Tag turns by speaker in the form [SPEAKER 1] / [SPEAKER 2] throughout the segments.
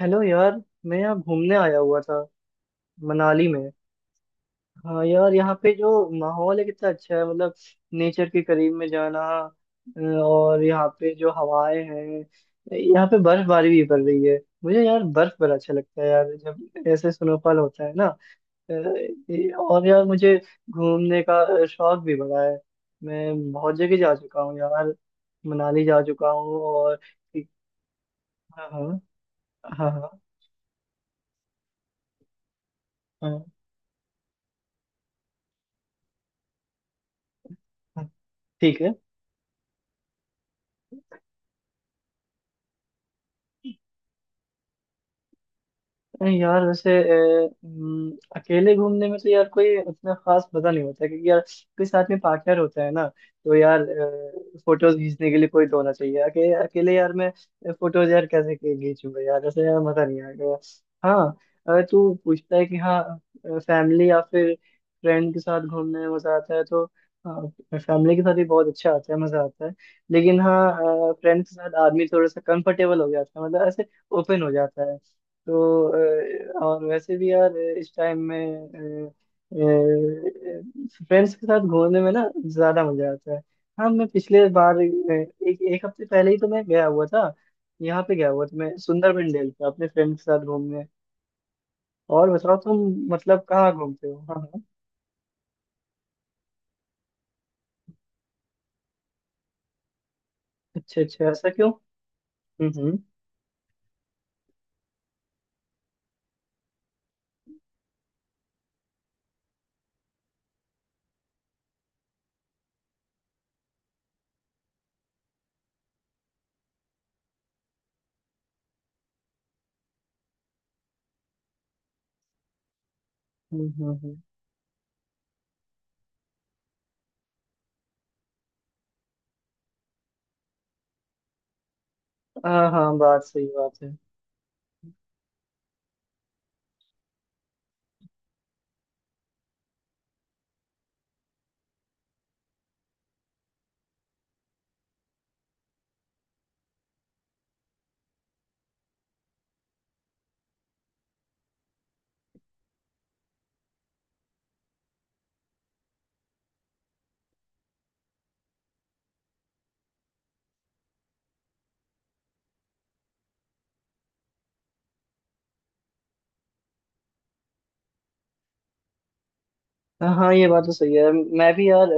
[SPEAKER 1] Hello यार। मैं यहाँ घूमने आया हुआ था मनाली में। हाँ यार, यहाँ पे जो माहौल है कितना अच्छा है। मतलब नेचर के करीब में जाना। और यहाँ पे जो हवाएं हैं, यहाँ पे बर्फबारी भी पड़ रही है। मुझे यार बर्फ बड़ा अच्छा लगता है यार, जब ऐसे स्नोफॉल होता है ना। और यार मुझे घूमने का शौक भी बड़ा है। मैं बहुत जगह जा चुका हूँ यार, मनाली जा चुका हूँ और हाँ हाँ। हाँ हाँ। हाँ, ठीक है। नहीं यार, वैसे अकेले घूमने में तो यार कोई उतना खास मजा नहीं होता, क्योंकि यार कोई साथ में पार्टनर होता है ना, तो यार फोटोज खींचने के लिए कोई तो होना चाहिए। अकेले अकेले यार मैं फोटोज यार कैसे खींचूंगा यार? ऐसे यार मजा नहीं आएगा। हाँ, अगर तू पूछता है कि हाँ फैमिली या फिर फ्रेंड के साथ घूमने में मजा आता है तो हाँ, फैमिली के साथ भी बहुत अच्छा आता है, मजा आता है। लेकिन हाँ, फ्रेंड के साथ आदमी थोड़ा सा कंफर्टेबल हो जाता है, मतलब ऐसे ओपन हो जाता है। तो और वैसे भी यार इस टाइम में फ्रेंड्स के साथ घूमने में ना ज्यादा मजा आता है। हाँ, मैं पिछले बार एक एक हफ्ते पहले ही तो मैं गया हुआ था। यहाँ पे गया हुआ था मैं सुंदरबन डेल पे अपने फ्रेंड के साथ घूमने। और बताओ तुम, मतलब कहाँ घूमते हो? हाँ हाँ। अच्छा अच्छा, ऐसा क्यों? हम्म। हम्म। हम्म। हाँ हाँ, बात सही बात है। हाँ हाँ, ये बात तो सही है, मैं भी यार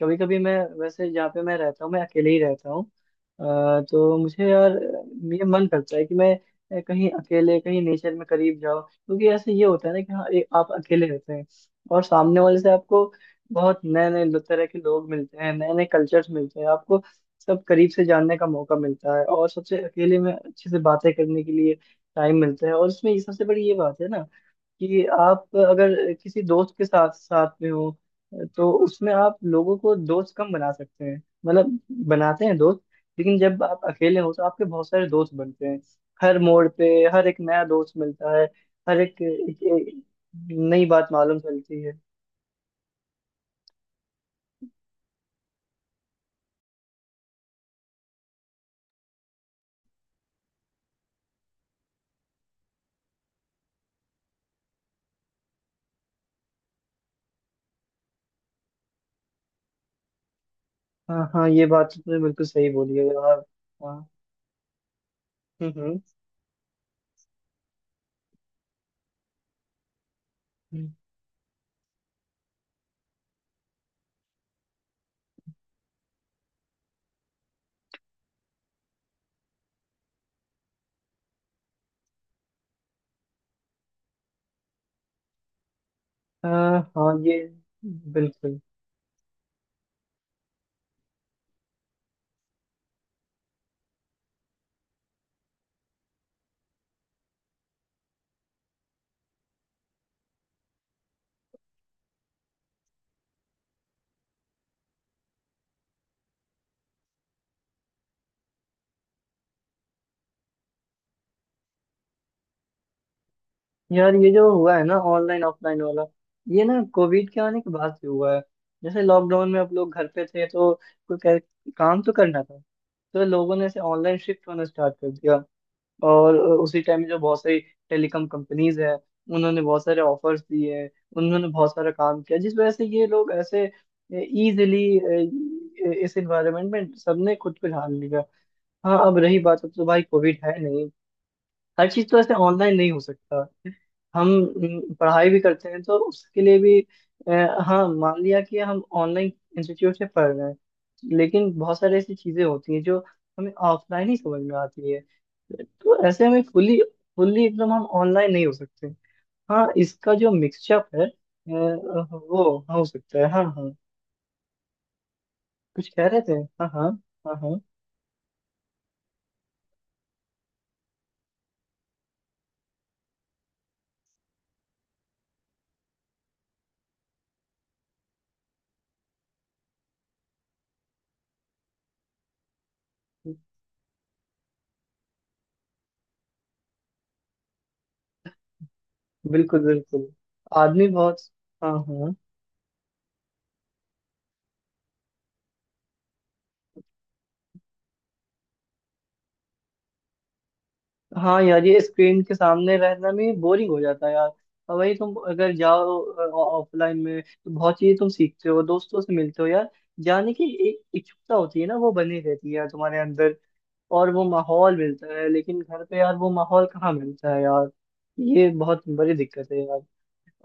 [SPEAKER 1] कभी कभी मैं, वैसे जहाँ पे मैं रहता हूँ मैं अकेले ही रहता हूँ। तो मुझे यार ये मन करता है कि मैं कहीं अकेले कहीं नेचर में करीब जाओ, क्योंकि ऐसे ये होता है ना कि हाँ, आप अकेले रहते हैं और सामने वाले से आपको बहुत नए नए तरह के लोग मिलते हैं, नए नए कल्चर्स मिलते हैं आपको। सब करीब से जानने का मौका मिलता है, और सबसे अकेले में अच्छे से बातें करने के लिए टाइम मिलता है। और इसमें ये सबसे बड़ी ये बात है ना, कि आप अगर किसी दोस्त के साथ साथ में हो, तो उसमें आप लोगों को दोस्त कम बना सकते हैं, मतलब बनाते हैं दोस्त। लेकिन जब आप अकेले हो तो आपके बहुत सारे दोस्त बनते हैं, हर मोड़ पे हर एक नया दोस्त मिलता है। हर एक, एक, एक नई बात मालूम चलती है। हाँ हाँ, ये बात तुमने बिल्कुल सही बोली है यार। हाँ। हम्म। हम्म, हाँ हाँ, ये बिल्कुल। यार ये जो हुआ है ना, ऑनलाइन ऑफलाइन वाला, ये ना कोविड के आने के बाद से हुआ है। जैसे लॉकडाउन में आप लोग घर पे थे, तो काम तो करना था, तो लोगों ने ऐसे ऑनलाइन शिफ्ट होना स्टार्ट कर दिया। और उसी टाइम जो बहुत सारी टेलीकॉम कंपनीज है, उन्होंने बहुत सारे ऑफर्स दिए हैं, उन्होंने बहुत सारा काम किया, जिस वजह से ये लोग ऐसे इजीली इस एनवायरनमेंट में सबने खुद को ढाल लिया। हाँ, अब रही बात, अब तो भाई कोविड है नहीं, हर चीज तो ऐसे ऑनलाइन नहीं हो सकता। हम पढ़ाई भी करते हैं तो उसके लिए भी हाँ, मान लिया कि हम ऑनलाइन इंस्टीट्यूट से पढ़ रहे हैं, लेकिन बहुत सारी ऐसी चीजें होती हैं जो हमें ऑफलाइन ही समझ में आती है। तो ऐसे हमें फुल्ली फुल्ली एकदम हम ऑनलाइन नहीं हो सकते। हाँ, इसका जो मिक्सचअप है वो हो सकता है। हाँ हाँ, कुछ कह रहे थे? हाँ हाँ। हाँ हाँ, बिल्कुल बिल्कुल। आदमी बहुत, हाँ हाँ, हाँ यार ये स्क्रीन के सामने रहना भी बोरिंग हो जाता है यार। और वही तुम अगर जाओ ऑफलाइन में, तो बहुत चीजें तुम सीखते हो, दोस्तों से मिलते हो यार। जाने की एक इच्छुकता होती है ना, वो बनी रहती है यार तुम्हारे अंदर, और वो माहौल मिलता है। लेकिन घर पे यार वो माहौल कहाँ मिलता है यार? ये बहुत बड़ी दिक्कत है यार।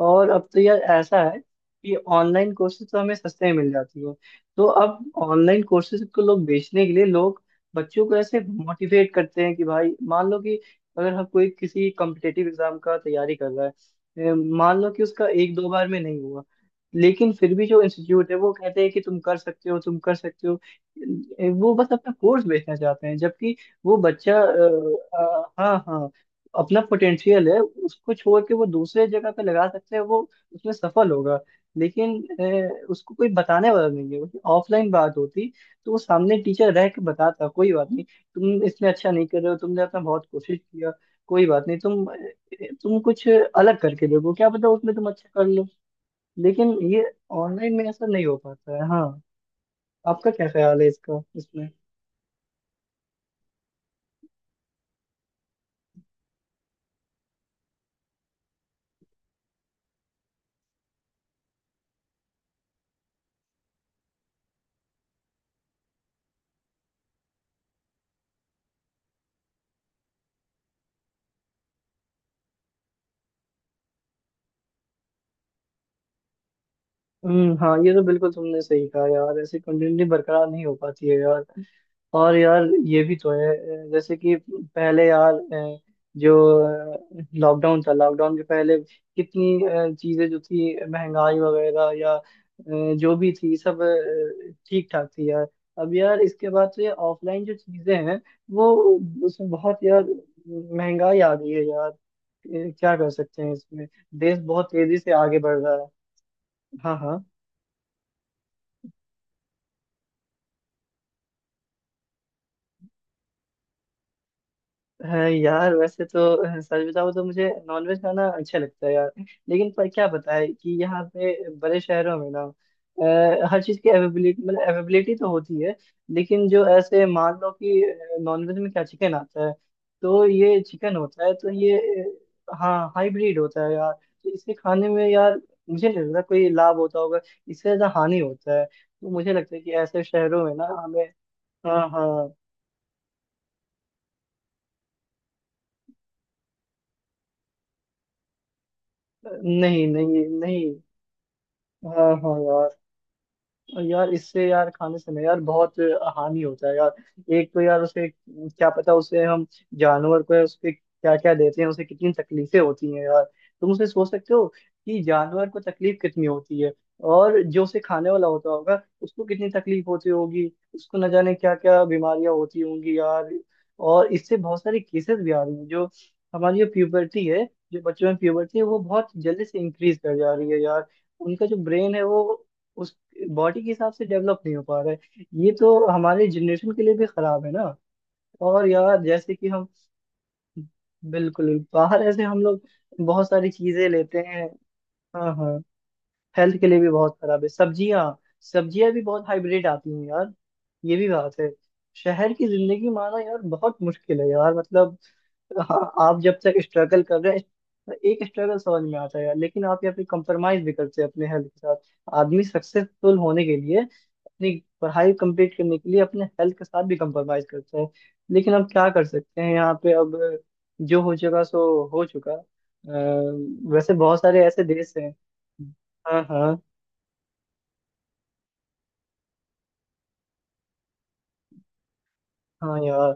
[SPEAKER 1] और अब तो यार ऐसा है कि ऑनलाइन कोर्सेज तो हमें सस्ते में मिल जाती है, तो अब ऑनलाइन कोर्सेज को लोग बेचने के लिए लोग बच्चों को ऐसे मोटिवेट करते हैं कि भाई मान लो कि अगर हम कोई किसी कॉम्पिटेटिव एग्जाम का तैयारी कर रहा है, मान लो कि उसका एक दो बार में नहीं हुआ, लेकिन फिर भी जो इंस्टीट्यूट है वो कहते हैं कि तुम कर सकते हो, तुम कर सकते हो। वो बस अपना कोर्स बेचना चाहते हैं, जबकि वो बच्चा हाँ हाँ, अपना पोटेंशियल है उसको छोड़ के वो दूसरे जगह पे लगा सकते हैं, वो उसमें सफल होगा। लेकिन उसको कोई बताने वाला नहीं है। ऑफलाइन बात होती, तो वो सामने टीचर रह के बताता, कोई बात नहीं, तुम इसमें अच्छा नहीं कर रहे हो, तुमने अपना बहुत कोशिश किया, कोई बात नहीं, तुम कुछ अलग करके देखो, क्या पता उसमें तुम अच्छा कर लो। लेकिन ये ऑनलाइन में ऐसा नहीं हो पाता है। हाँ, आपका क्या ख्याल है इसका, इसमें? हाँ, ये तो बिल्कुल तुमने सही कहा यार, ऐसे कंटिन्यूटी बरकरार नहीं हो पाती है यार। और यार ये भी तो है, जैसे कि पहले यार जो लॉकडाउन था, लॉकडाउन के पहले कितनी चीजें जो थी, महंगाई वगैरह या जो भी थी, सब ठीक ठाक थी यार। अब यार इसके बाद से ऑफलाइन जो चीजें हैं, वो उसमें बहुत यार महंगाई आ गई है यार। क्या कर सकते हैं इसमें? देश बहुत तेजी से आगे बढ़ रहा है। हाँ हाँ। है यार, वैसे तो सच बताऊं तो मुझे नॉनवेज खाना अच्छा लगता है यार। लेकिन पर क्या बताए कि यहाँ पे बड़े शहरों में ना हर चीज की अवेबिलिटी, मतलब अवेबिलिटी तो होती है, लेकिन जो ऐसे मान लो कि नॉनवेज में क्या चिकन आता है, तो ये चिकन होता है, तो ये हाँ हाइब्रिड होता है यार, तो इसके खाने में यार मुझे नहीं लगता कोई लाभ होता होगा। इससे ज्यादा हानि होता है, तो मुझे लगता है कि ऐसे शहरों में ना हमें, हाँ हाँ, नहीं नहीं नहीं, हाँ हाँ यार, और यार इससे यार खाने से ना यार बहुत हानि होता है यार। एक तो यार उसे क्या पता, उसे हम, जानवर को उसके क्या क्या देते हैं, उसे कितनी तकलीफें होती हैं यार, तुम उसे सोच सकते हो कि जानवर को तकलीफ कितनी होती है, और जो उसे खाने वाला होता होगा, उसको कितनी तकलीफ होती होगी, उसको न जाने क्या क्या बीमारियां होती होंगी यार। और इससे बहुत सारे केसेस भी आ रही हैं, जो हमारी जो प्यूबर्टी है, जो बच्चों में प्यूबर्टी है, वो बहुत जल्दी से इंक्रीज कर जा रही है यार। उनका जो ब्रेन है, वो बॉडी के हिसाब से डेवलप नहीं हो पा रहा है। ये तो हमारे जनरेशन के लिए भी खराब है ना, और यार जैसे कि हम बिल्कुल बाहर ऐसे हम लोग बहुत सारी चीजें लेते हैं। हाँ हाँ, हेल्थ के लिए भी बहुत खराब है। सब्जियां, सब्जियां भी बहुत हाइब्रिड आती हैं यार, ये भी बात है। शहर की जिंदगी माना यार बहुत मुश्किल है यार, मतलब हाँ, आप जब तक स्ट्रगल कर रहे हैं तो एक स्ट्रगल समझ में आता है, लेकिन आप यहाँ पे कंप्रोमाइज भी करते हैं अपने हेल्थ के साथ। आदमी सक्सेसफुल होने के लिए अपनी पढ़ाई कंप्लीट करने के लिए अपने हेल्थ के साथ भी कंप्रोमाइज करता है। लेकिन अब क्या कर सकते हैं यहाँ पे? अब जो हो चुका सो हो चुका। वैसे बहुत सारे ऐसे देश हैं। हाँ हाँ। हाँ यार।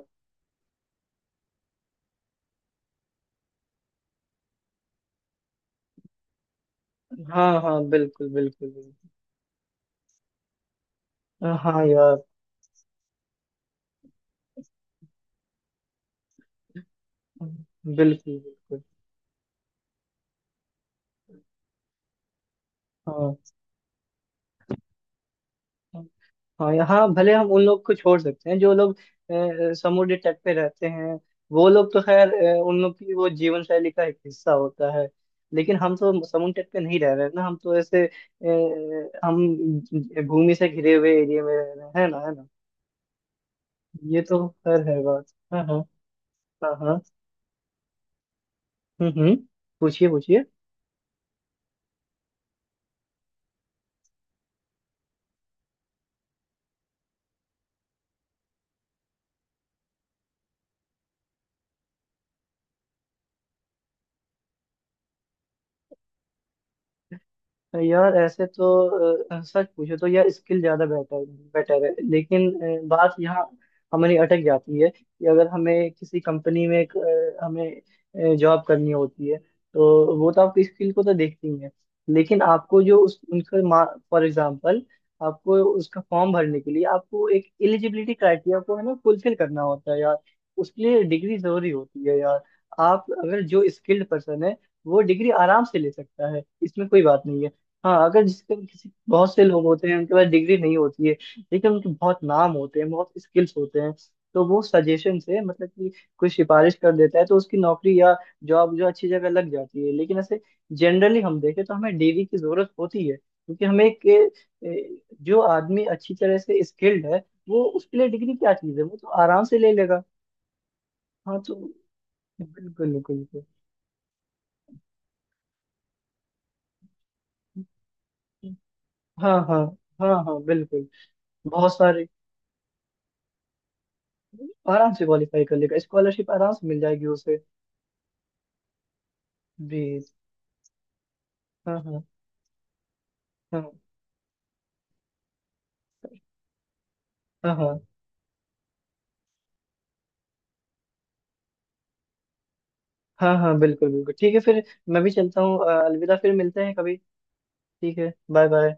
[SPEAKER 1] हाँ हाँ, बिल्कुल बिल्कुल बिल्कुल। हाँ यार, बिल्कुल बिल्कुल। हाँ। हाँ, यहाँ भले हम उन लोग को छोड़ सकते हैं, जो लोग समुद्र तट पे रहते हैं। वो लोग तो खैर उन लोग की वो जीवन शैली का एक हिस्सा होता है। लेकिन हम तो समुद्र तट पे नहीं रह रहे हैं ना, हम तो ऐसे हम भूमि से घिरे हुए एरिया में रह रहे हैं, है ना? है ना? ये तो खैर है बात। हाँ हाँ। हाँ हाँ। हम्म। पूछिए पूछिए। यार ऐसे तो सच पूछे तो यार स्किल ज्यादा बेटर, बेटर है। लेकिन बात यहाँ हमारी अटक जाती है कि अगर हमें किसी कंपनी में हमें जॉब करनी होती है, तो वो तो आपकी स्किल को तो देखती ही है। लेकिन आपको जो उस उनका फॉर एग्जांपल, आपको उसका फॉर्म भरने के लिए आपको एक एलिजिबिलिटी क्राइटेरिया को है ना फुलफिल करना होता है यार, उसके लिए डिग्री जरूरी होती है यार। आप अगर जो स्किल्ड पर्सन है, वो डिग्री आराम से ले सकता है, इसमें कोई बात नहीं है। हाँ, अगर जिसके किसी बहुत से लोग होते हैं उनके पास डिग्री नहीं होती है, लेकिन उनके बहुत नाम होते हैं, बहुत स्किल्स होते हैं, तो वो सजेशन से मतलब कि कोई सिफारिश कर देता है, तो उसकी नौकरी या जॉब जो अच्छी जगह लग जाती है। लेकिन ऐसे जनरली हम देखें तो हमें डिग्री की जरूरत होती है, क्योंकि हमें जो आदमी अच्छी तरह से स्किल्ड है, वो उसके लिए डिग्री क्या चीज़ है, वो तो आराम से ले लेगा। हाँ तो, बिल्कुल बिल्कुल बिल्कुल। हाँ हाँ। हाँ हाँ, बिल्कुल। बहुत सारे आराम से क्वालिफाई कर लेगा, स्कॉलरशिप आराम से मिल जाएगी उसे। जी। हाँ हाँ। हाँ हाँ। हाँ हाँ, हाँ बिल्कुल बिल्कुल, ठीक है फिर, मैं भी चलता हूँ। अलविदा, फिर मिलते हैं कभी। ठीक है, बाय बाय।